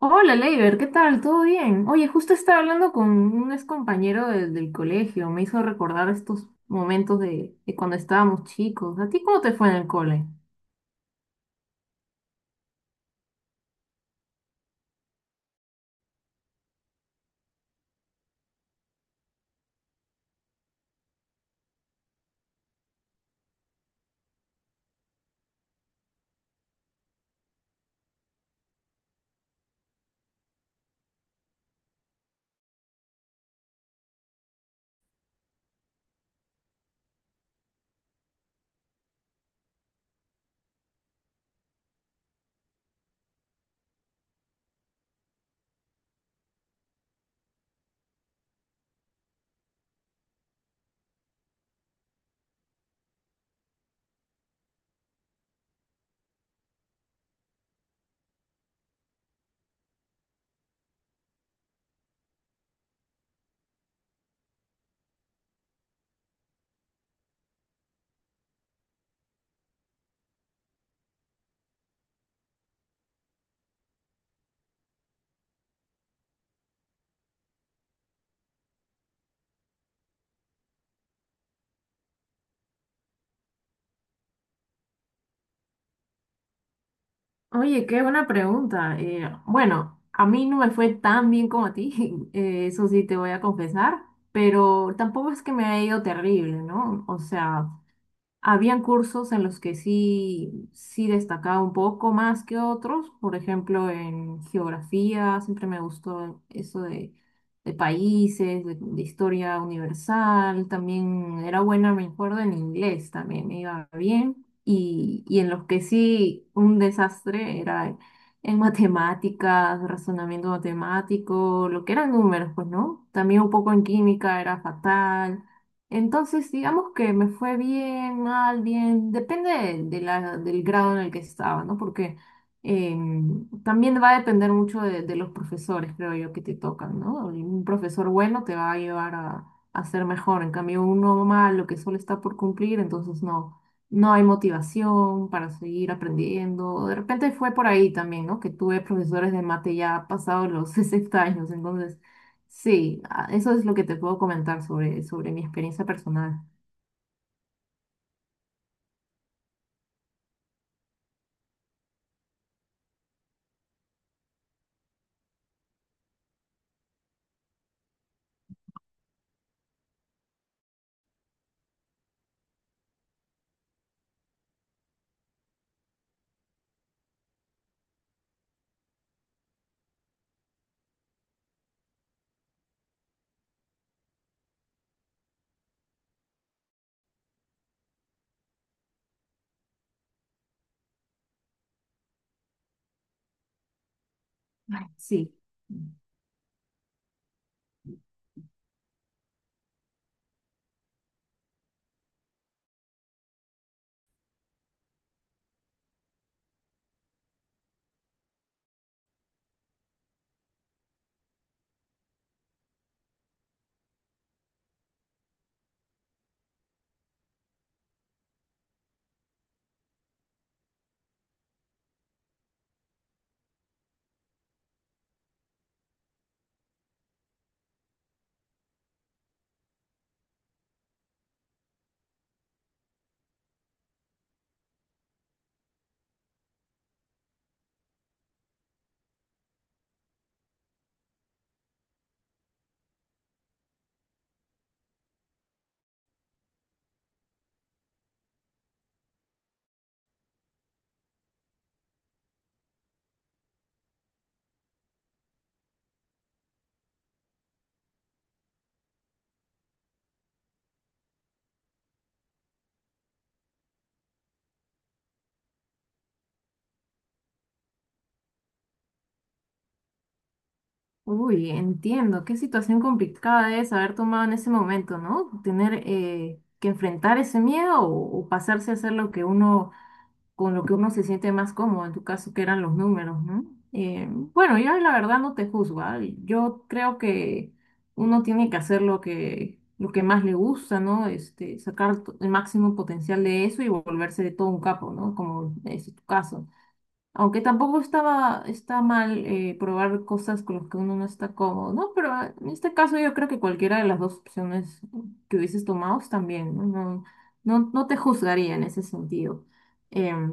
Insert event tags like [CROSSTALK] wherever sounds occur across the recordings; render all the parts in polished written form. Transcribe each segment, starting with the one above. Hola, Leiber, ¿qué tal? ¿Todo bien? Oye, justo estaba hablando con un ex compañero del colegio, me hizo recordar estos momentos de cuando estábamos chicos. ¿A ti cómo te fue en el cole? Oye, qué buena pregunta. Bueno, a mí no me fue tan bien como a ti, [LAUGHS] eso sí te voy a confesar, pero tampoco es que me haya ido terrible, ¿no? O sea, habían cursos en los que sí destacaba un poco más que otros, por ejemplo, en geografía, siempre me gustó eso de países, de historia universal, también era buena, me acuerdo, en inglés también me iba bien, y en los que sí un desastre era en matemáticas, razonamiento matemático, lo que eran números, pues, ¿no? También un poco en química era fatal. Entonces, digamos que me fue bien, mal, bien, depende del grado en el que estaba, ¿no? Porque también va a depender mucho de los profesores, creo yo, que te tocan, ¿no? Un profesor bueno te va a llevar a ser mejor, en cambio uno malo que solo está por cumplir, entonces no, no hay motivación para seguir aprendiendo. De repente fue por ahí también, ¿no? Que tuve profesores de mate ya pasados los [LAUGHS] 60 años, entonces sí, ah, eso es lo que te puedo comentar sobre mi experiencia personal. Ay, sí. Uy, entiendo, qué situación complicada debes haber tomado en ese momento, ¿no? Tener que enfrentar ese miedo o pasarse a hacer lo que uno con lo que uno se siente más cómodo, en tu caso que eran los números, ¿no? Bueno, yo la verdad no te juzgo, ¿ah? Yo creo que uno tiene que hacer lo que más le gusta, ¿no? Este, sacar to- el máximo potencial de eso y volverse de todo un capo, ¿no? Como es tu caso. Aunque tampoco estaba, está mal probar cosas con las que uno no está cómodo, ¿no? Pero en este caso yo creo que cualquiera de las dos opciones que hubieses tomado están bien, ¿no? No, no, no te juzgaría en ese sentido. Em,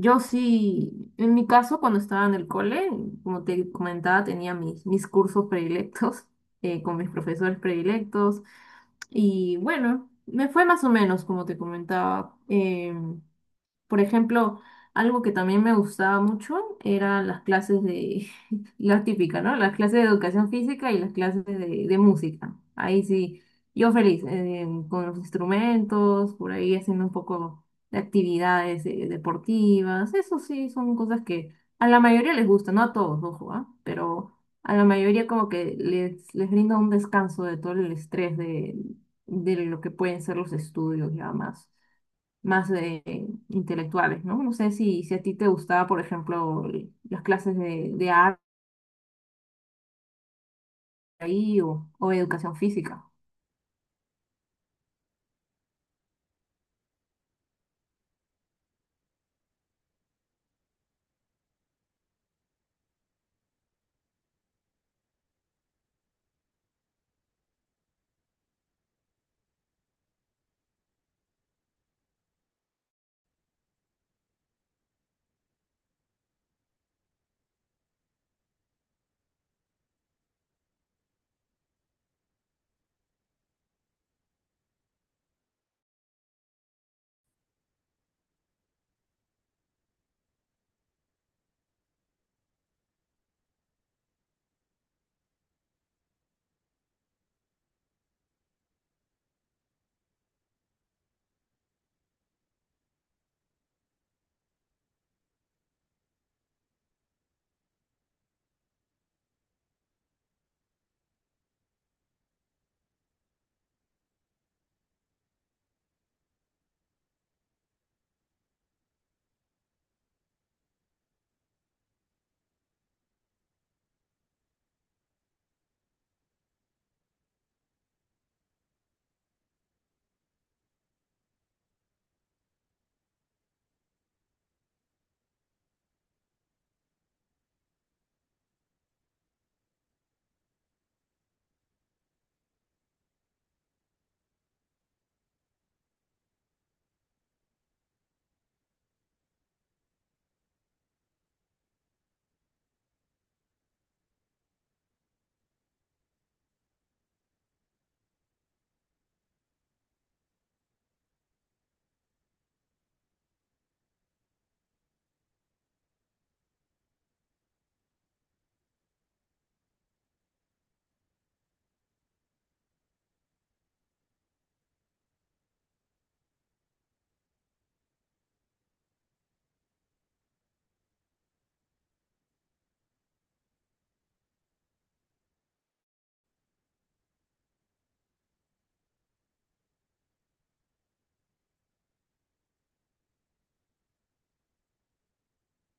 yo sí, en mi caso, cuando estaba en el cole, como te comentaba, tenía mis cursos predilectos [LAUGHS] con mis profesores predilectos. Y bueno, me fue más o menos, como te comentaba. Por ejemplo, algo que también me gustaba mucho eran las clases de, [LAUGHS] la típica, ¿no? Las clases de educación física y las clases de música. Ahí sí, yo feliz, con los instrumentos, por ahí haciendo un poco de actividades deportivas. Eso sí, son cosas que a la mayoría les gusta, no a todos, ojo, ¿ah? Pero a la mayoría como que les brinda un descanso de todo el estrés de lo que pueden ser los estudios y demás más intelectuales, ¿no? No sé si, si a ti te gustaba, por ejemplo, el- las clases de arte ahí o educación física.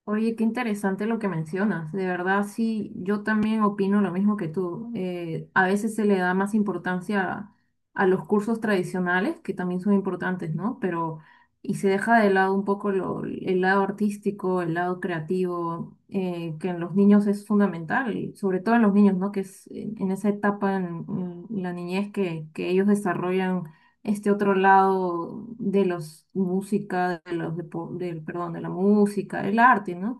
Oye, qué interesante lo que mencionas. De verdad, sí, yo también opino lo mismo que tú. A veces se le da más importancia a los cursos tradicionales, que también son importantes, ¿no? Pero, y se deja de lado un poco lo- el lado artístico, el lado creativo, que en los niños es fundamental, y sobre todo en los niños, ¿no? Que es en esa etapa en la niñez que ellos desarrollan este otro lado de los música, de los depo- del, perdón, de la música, el arte, ¿no?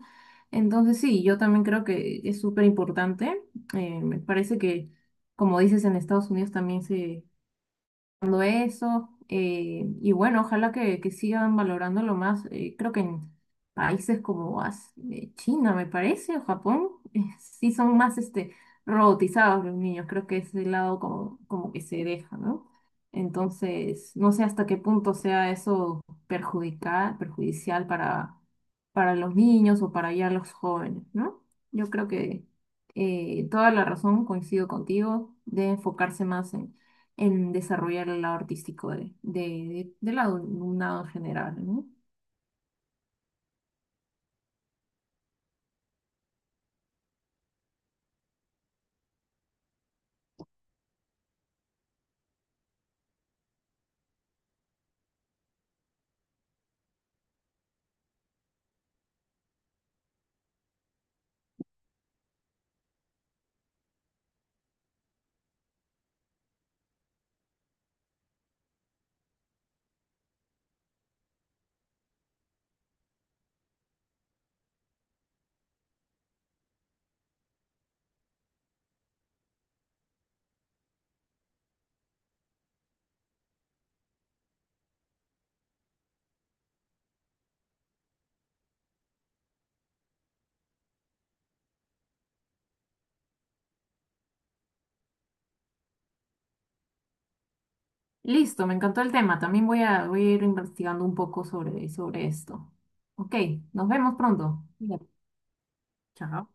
Entonces sí, yo también creo que es súper importante. Me parece que, como dices, en Estados Unidos también se, valorando eso. Y bueno, ojalá que sigan valorándolo más. Creo que en países como As- China, me parece, o Japón, [LAUGHS] sí son más este, robotizados los niños. Creo que es el lado como, como que se deja, ¿no? Entonces, no sé hasta qué punto sea eso perjudicar, perjudicial para los niños o para ya los jóvenes, ¿no? Yo creo que toda la razón, coincido contigo, de enfocarse más en desarrollar el lado artístico de- del lado alumnado en general, ¿no? Listo, me encantó el tema. También voy a, voy a ir investigando un poco sobre, sobre esto. Ok, nos vemos pronto. Cuídate. Chao.